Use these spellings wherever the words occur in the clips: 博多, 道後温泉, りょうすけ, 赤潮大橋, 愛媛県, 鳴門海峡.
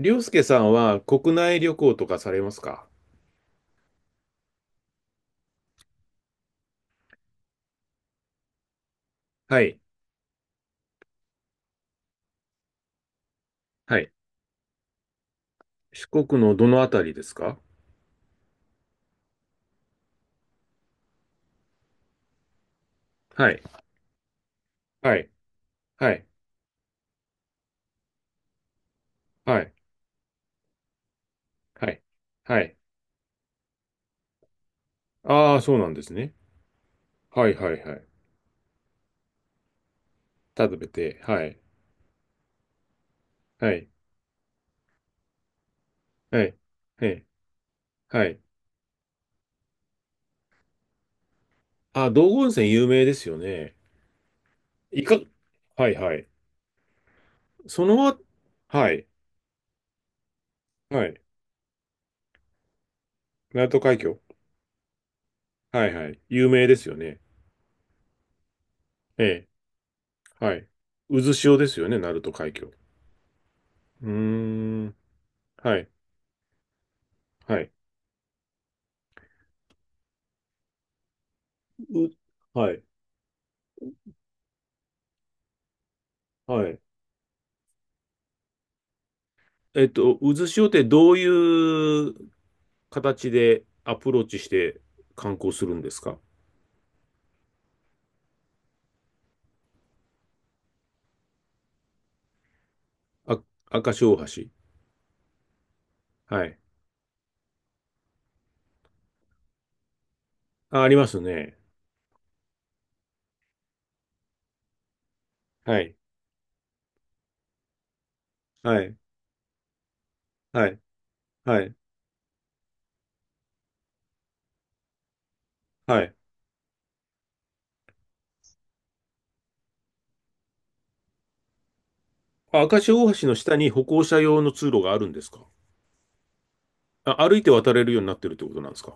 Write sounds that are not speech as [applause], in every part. りょうすけさんは国内旅行とかされますか？はい。はい。四国のどのあたりですか？はい。はい。はい。はい。はい。はい。ああ、そうなんですね。はいはいはい。食べて、はい。はい。はい。はい。はい。あ、道後温泉有名ですよね。いか、はいはい。そのあ、はい。はい。鳴門海峡。はいはい。有名ですよね。ええ。はい。渦潮ですよね、鳴門海峡。うーん。はい。はい。う、はい、はい。渦潮ってどういう形でアプローチして観光するんですか？あ、赤潮大橋。はい。あ、ありますね。はい。はい。はい。はい。はい。あ、赤潮大橋の下に歩行者用の通路があるんですか？あ、歩いて渡れるようになってるってことなんですか？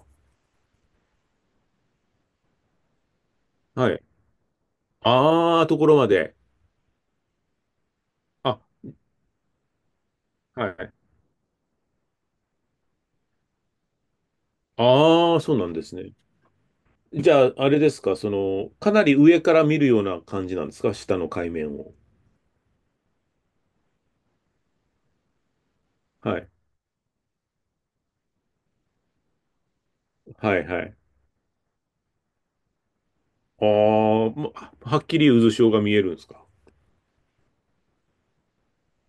はい。ああ、ところまで。あ、はい。ああ、そうなんですね。じゃあ、あれですか、その、かなり上から見るような感じなんですか、下の海面を。はい。はいはい。あーまはっきり渦潮が見えるんですか。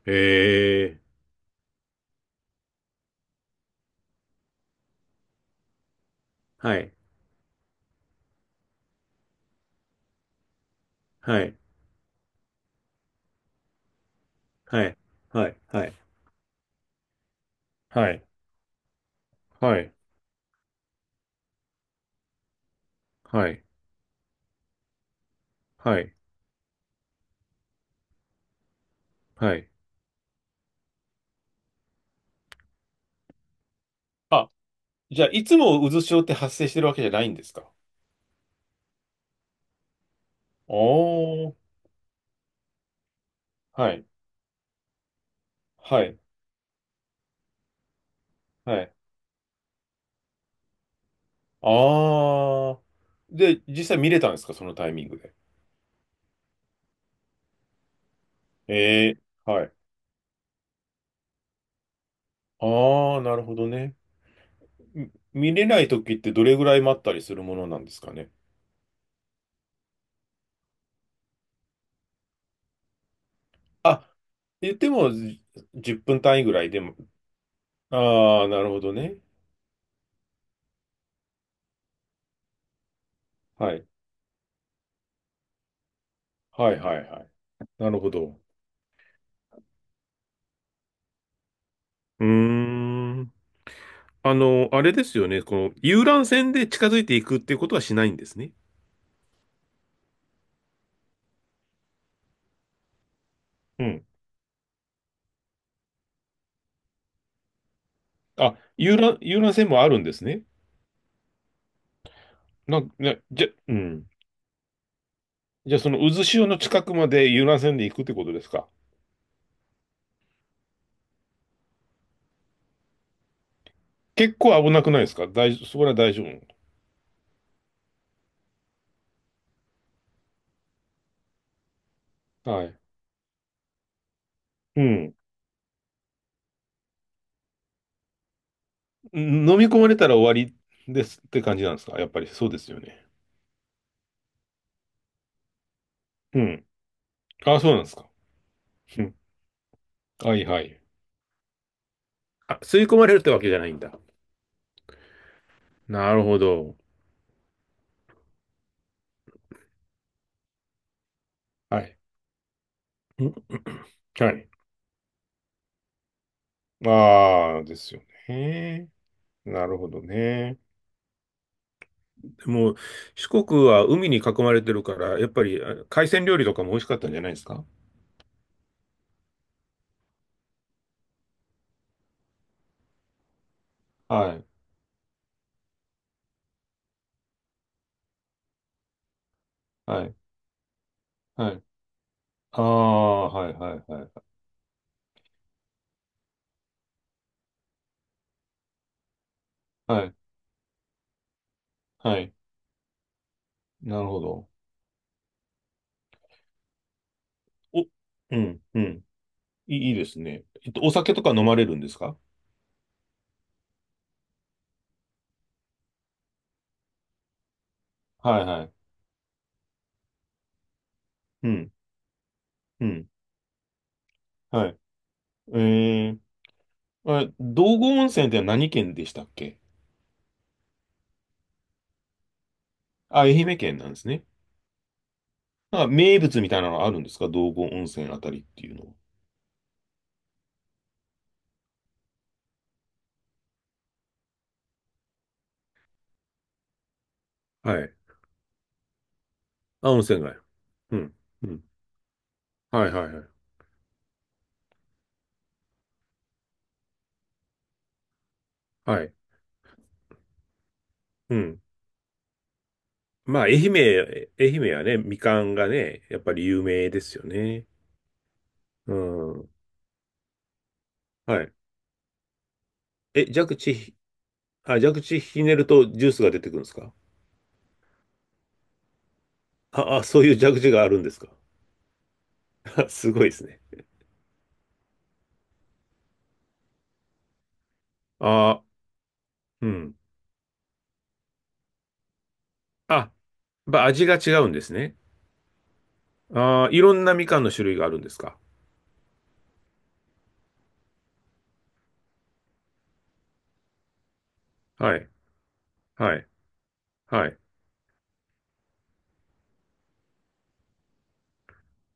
へえ。はい。はい。はい。はい。はい。はい。はい。はい。はい。はい。あ、じゃあ、いつも渦潮って発生してるわけじゃないんですか？おー、はい、はい、はい。ああ。で、実際見れたんですか、そのタイミングで。ええ、はい。ああ、なるほどね。見れない時ってどれぐらい待ったりするものなんですかね？あ、言ってもじ10分単位ぐらいでも。ああ、なるほどね。はい。はいはいはい。なるほど。うーん。あれですよね。この遊覧船で近づいていくっていうことはしないんですね。うん。あ、遊覧船もあるんですね。なん、ね、じゃ、うん。じゃあ、その渦潮の近くまで遊覧船で行くってことですか。結構危なくないですか？大丈夫、そこら大丈夫。はい。うん。飲み込まれたら終わりですって感じなんですか？やっぱりそうですよね。うん。あ、そうなんですか。うん。はいはい。あ、吸い込まれるってわけじゃないんだ。なるほど。はい。んはい。ああ、ですよね。なるほどね。でも、四国は海に囲まれてるから、やっぱり海鮮料理とかも美味しかったんじゃないですか？はい。はい。はい。ああ、はいはいはい。はい。はい。なるほど。お、うん、うん。いいですね。お酒とか飲まれるんですか？はいはい。うん、うん。はい。えあ、道後温泉って何県でしたっけ？あ、愛媛県なんですね。なんか名物みたいなのあるんですか、道後温泉あたりっていうのは。はい。あ、温泉街。うん。うん。はいはいはい。はい。うん。まあ、愛媛はね、みかんがね、やっぱり有名ですよね。うん。はい。え、蛇口ひ、あ、蛇口ひねるとジュースが出てくるんですか？あ、そういう蛇口があるんですか？ [laughs] すごいですね。あ、うん。あ、やっぱ味が違うんですね。ああ、いろんなみかんの種類があるんですか。はい、はい、はい、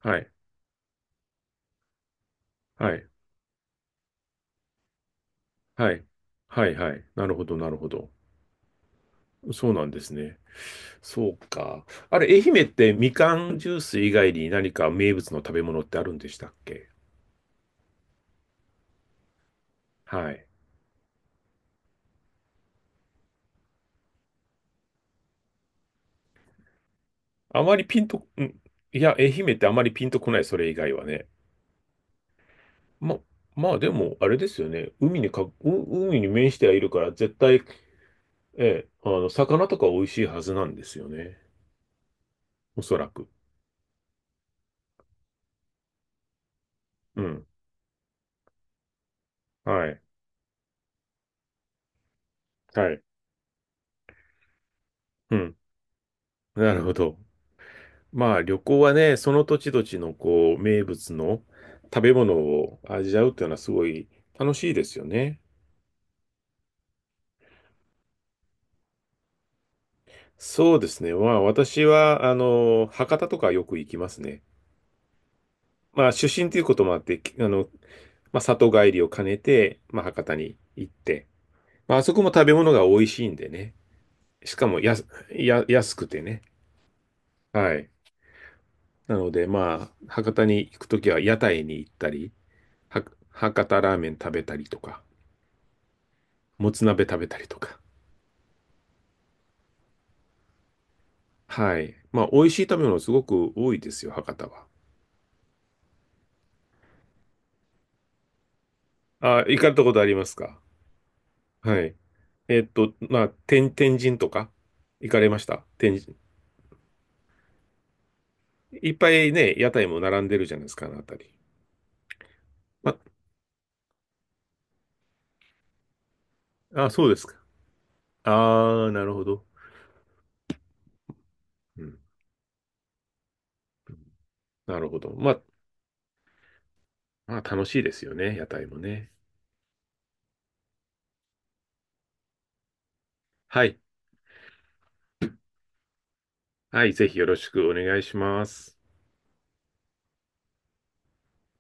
はい、はい、はい、はい、はい。なるほど、なるほど。そうなんですね。そうか。あれ、愛媛ってみかんジュース以外に何か名物の食べ物ってあるんでしたっけ？はい。あまりピンと、ん、いや、愛媛ってあまりピンとこない、それ以外はね。ま、まあでも、あれですよね。海に面してはいるから、絶対、ええ、魚とか美味しいはずなんですよね。おそらく。うん。はい。はい。うん。なるほど。まあ旅行はね、その土地土地のこう名物の食べ物を味わうっていうのはすごい楽しいですよね。そうですね。まあ私は、博多とかよく行きますね。まあ出身ということもあって、まあ里帰りを兼ねて、まあ博多に行って。まああそこも食べ物が美味しいんでね。しかもやす、や、安くてね。はい。なのでまあ博多に行くときは屋台に行ったり、は博多ラーメン食べたりとか。もつ鍋食べたりとか。はい。まあ、美味しい食べ物すごく多いですよ、博多は。あ、行かれたことありますか？はい。まあ、天神とか、行かれました、天神？いっぱいね、屋台も並んでるじゃないですか、あの辺り。まあ、あ、そうですか。ああ、なるほど。うん。なるほど。まあ、楽しいですよね、屋台もね。はい。はい、ぜひよろしくお願いします。